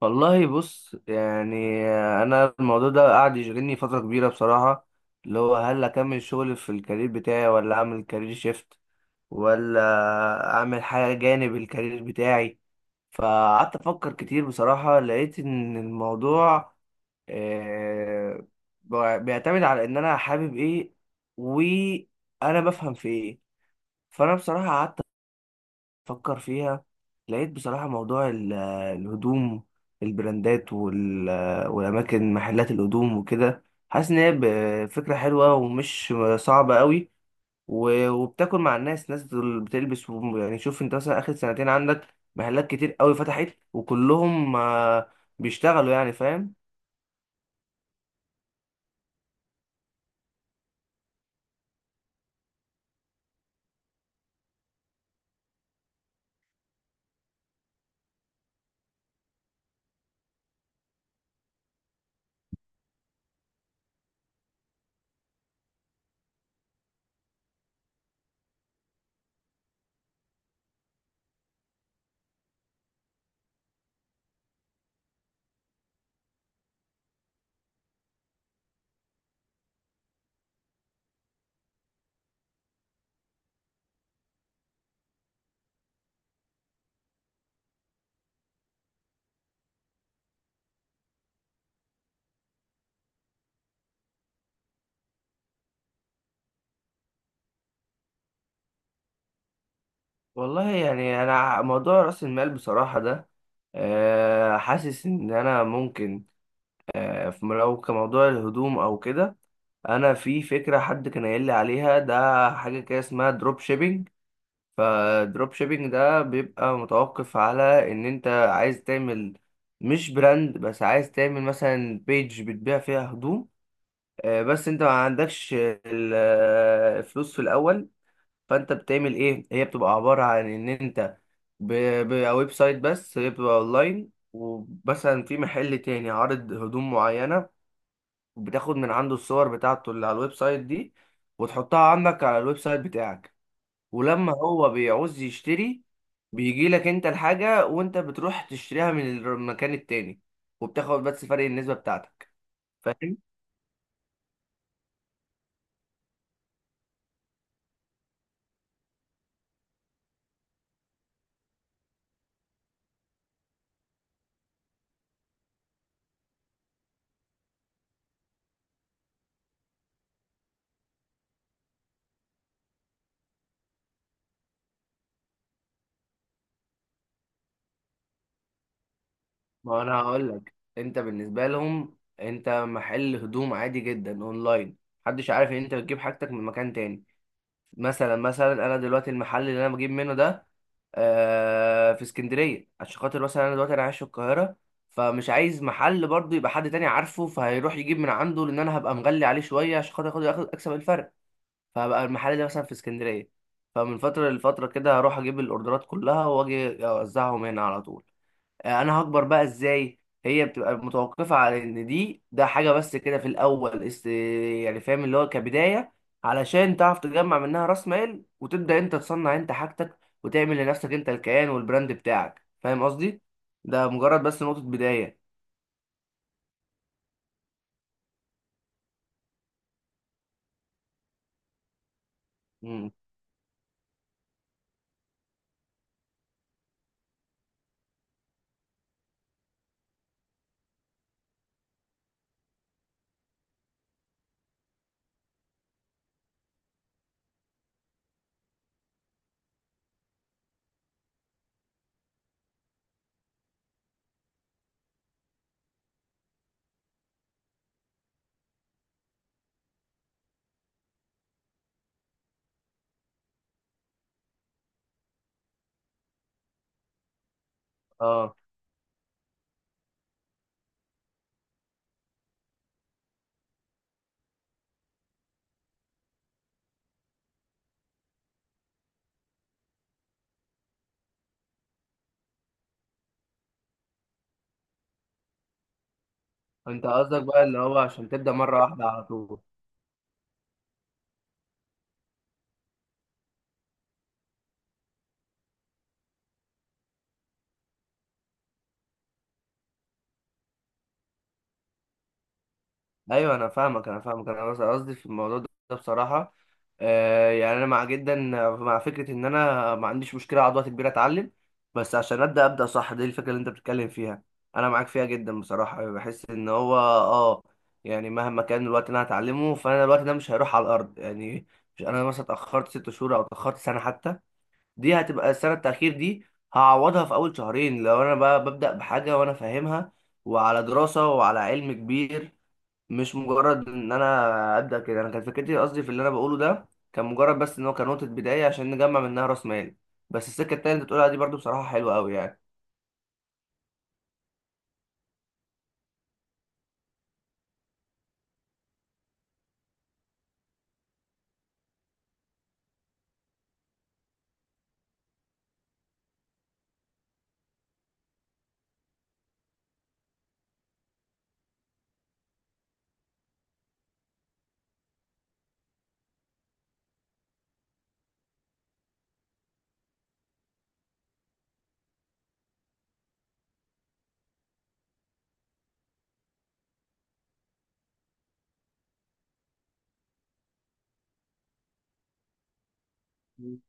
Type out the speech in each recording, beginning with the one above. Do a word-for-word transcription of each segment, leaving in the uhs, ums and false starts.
والله بص يعني، انا الموضوع ده قاعد يشغلني فتره كبيره بصراحه. اللي هو هل اكمل شغل في الكارير بتاعي، ولا اعمل كارير شيفت، ولا اعمل حاجه جانب الكارير بتاعي. فقعدت افكر كتير بصراحه، لقيت ان الموضوع آه، بيعتمد على ان انا حابب ايه وانا بفهم في ايه. فانا بصراحه قعدت فكر فيها، لقيت بصراحة موضوع ال- آه، الهدوم، البراندات وال- آه، والأماكن محلات الهدوم وكده. حاسس إن هي ب- فكرة حلوة ومش صعبة قوي، و- وبتاكل مع الناس، ناس دول بتلبس، وم- يعني شوف أنت مثلا آخر سنتين عندك محلات كتير قوي فتحت، وكلهم آه، بيشتغلوا، يعني فاهم. والله يعني أنا موضوع رأس المال بصراحة ده، آه، حاسس إن أنا ممكن، آه، في- لو كموضوع الهدوم أو كده، انا في فكره حد كان قايل لي عليها ده، حاجه كده اسمها دروب شيبينج. فدروب شيبينج ده بيبقى متوقف على ان انت عايز تعمل مش براند بس، عايز تعمل مثلا بيج بتبيع فيها هدوم، آه، بس انت ما عندكش ال- آه، الفلوس في الاول. فانت بتعمل ايه؟ هي بتبقى عباره عن ان انت بيبقى ويب سايت، بس هي بتبقى اونلاين، ومثلا في محل تاني عارض هدوم معينه، بتاخد من عنده الصور بتاعته اللي على الويب سايت دي، وتحطها عندك على الويب سايت بتاعك. ولما هو بيعوز يشتري، بيجي لك انت الحاجة، وانت بتروح تشتريها من المكان التاني، وبتاخد بس فرق النسبة بتاعتك. فاهم؟ ما انا هقول لك، انت بالنسبة لهم انت محل هدوم عادي جدا اونلاين، محدش عارف ان انت بتجيب حاجتك من مكان تاني. مثلا مثلا انا دلوقتي المحل اللي انا بجيب منه ده آه، في اسكندريه، عشان خاطر مثلا انا دلوقتي انا عايش في القاهره، فمش عايز محل برضه يبقى حد تاني عارفه، فهيروح يجيب من عنده، لان انا هبقى مغلي عليه شويه عشان خاطر اخد آخد- اكسب الفرق. فهبقى المحل ده مثلا في اسكندريه، فمن فتره لفتره كده هروح اجيب الاوردرات كلها، واجي اوزعهم هنا على طول. انا هكبر بقى ازاي؟ هي بتبقى متوقفه على ان دي ده حاجه بس كده في الاول است... يعني فاهم، اللي هو كبدايه، علشان تعرف تجمع منها راس مال، وتبدا انت تصنع انت حاجتك وتعمل لنفسك انت الكيان والبراند بتاعك. فاهم قصدي؟ ده مجرد بس نقطه بدايه. مم. اه، انت قصدك بقى اللي هو عشان تبدا مره واحده على طول. ايوه انا فاهمك انا فاهمك، انا بس قصدي في الموضوع ده بصراحه، آه يعني انا مع جدا مع فكره ان انا ما عنديش مشكله اقعد وقت كبير اتعلم، بس عشان ابدا ابدا صح. دي الفكره اللي انت بتتكلم فيها انا معاك فيها جدا بصراحه، بحس ان هو اه، يعني مهما كان الوقت اللي انا هتعلمه، فانا الوقت ده مش هيروح على الارض يعني. مش انا مثلا اتاخرت ست شهور او اتاخرت سنه حتى، دي هتبقى السنه التاخير دي هعوضها في اول شهرين، لو انا بقى ببدا بحاجه وانا فاهمها، وعلى دراسه وعلى علم كبير. مش مجرد ان انا ابدا كده. انا كانت فكرتي، قصدي في اللي انا بقوله ده، كان مجرد بس ان هو كان نقطه بدايه عشان نجمع منها راس مال. بس السكه التانيه اللي بتقولها دي برضو بصراحه حلوه قوي يعني. مم.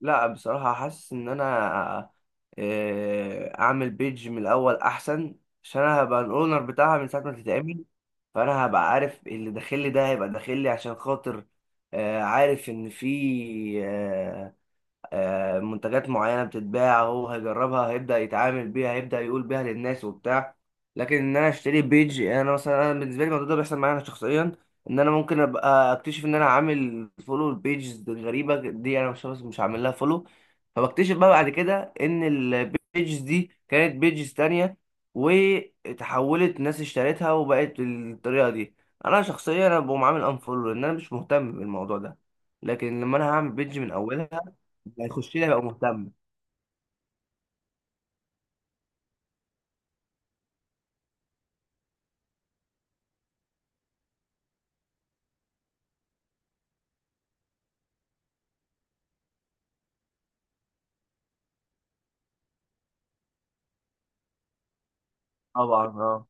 لا بصراحه حاسس ان انا آه، اعمل بيج من الاول احسن، عشان انا هبقى الاونر بتاعها من ساعه ما تتعمل. فانا هبقى عارف اللي داخل لي ده هيبقى داخل لي عشان خاطر آه، عارف ان في آه، آه، منتجات معينة بتتباع، هو هيجربها، هيبدأ يتعامل بيها، هيبدأ يقول بيها للناس وبتاع. لكن ان انا اشتري بيج، يعني انا مثلا انا بالنسبة لي الموضوع ده بيحصل معايا انا شخصيا، ان انا ممكن ابقى اكتشف ان انا عامل فولو لبيجز غريبة دي انا مش مش عامل لها فولو، فبكتشف بقى بعد كده ان البيجز دي كانت بيجز تانية، وتحولت ناس اشترتها وبقت بالطريقة دي. انا شخصيا انا بقوم عامل انفولو، لان انا مش مهتم بالموضوع ده. لكن لما انا هعمل بيج من اولها، هيخش لي هيبقى مهتم. طبعا اه.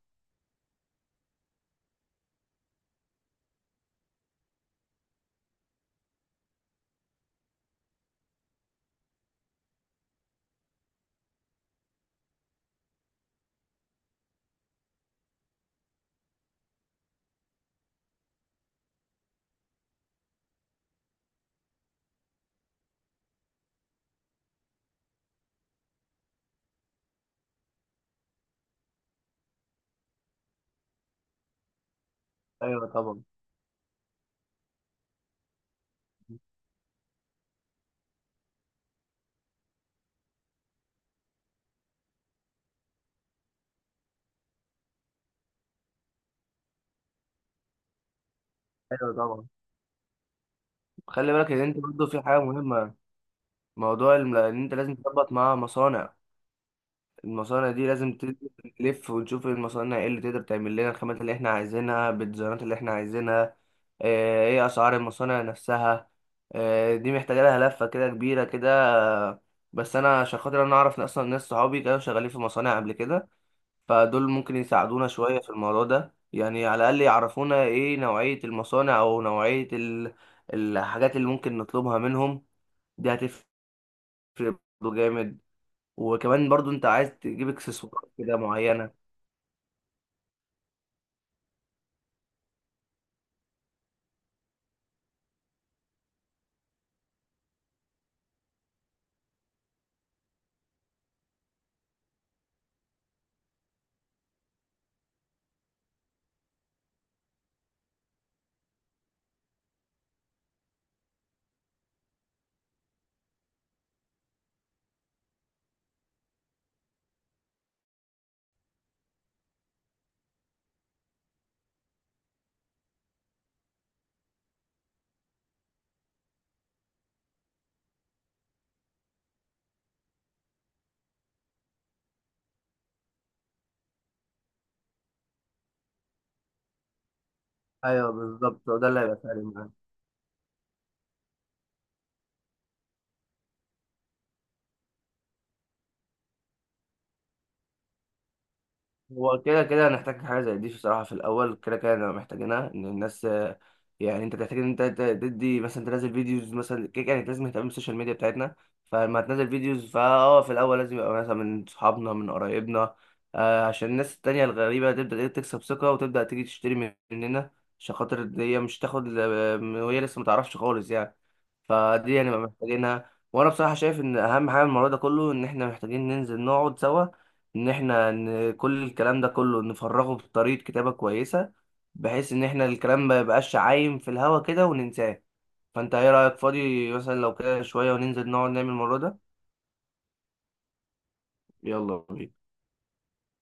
ايوه طبعا. ايوه طبعا. خلي بالك ان انت برضه في حاجه مهمه، موضوع الم- ان انت لازم تظبط مع مصانع. المصانع دي لازم ت- تلف، ونشوف المصانع ايه اللي تقدر تعمل لنا الخامات اللي احنا عايزينها بالديزاينات اللي احنا عايزينها. آه، ايه اسعار المصانع نفسها. آه، دي محتاجه لها لفه كده كبيره كده. آه، بس انا عشان خاطر انا اعرف اصلا ناس صحابي كانوا شغالين في مصانع قبل كده، فدول ممكن يساعدونا شوية في الموضوع ده، يعني على الأقل يعرفونا إيه نوعية المصانع أو نوعية ال- الحاجات اللي ممكن نطلبها منهم. دي هتفرق برضه جامد. وكمان برضه أنت عايز تجيب إكسسوارات كده معينة. أيوه بالظبط، ده اللي هيبقى فارق معانا. هو كده كده هنحتاج حاجة زي دي بصراحة في الأول، كده كده هنبقى محتاجينها. إن الناس آه، يعني أنت تحتاج إن أنت ت- تدي مثلا، تنزل فيديوز مثلا، كده كده أنت لازم تهتم بالسوشيال ميديا بتاعتنا. فلما هتنزل فيديوز، فا أه في الأول لازم يبقى مثلا من صحابنا من قرايبنا، آه، عشان الناس التانية الغريبة تبدأ إيه تكسب ثقة، وتبدأ تيجي تشتري من- مننا، عشان خاطر إن هي مش تاخد ال- وهي لسه متعرفش خالص يعني. فدي هنبقى محتاجينها. وأنا بصراحة شايف إن أهم حاجة من الموضوع ده كله، إن إحنا محتاجين ننزل نقعد سوا، ان احنا ان كل الكلام ده كله نفرغه بطريقة كتابة كويسة، بحيث ان احنا الكلام ما يبقاش عايم في الهوا كده وننساه. فانت ايه رأيك فاضي مثلا لو كده شوية وننزل نقعد نعمل الموضوع ده؟ يلا بينا.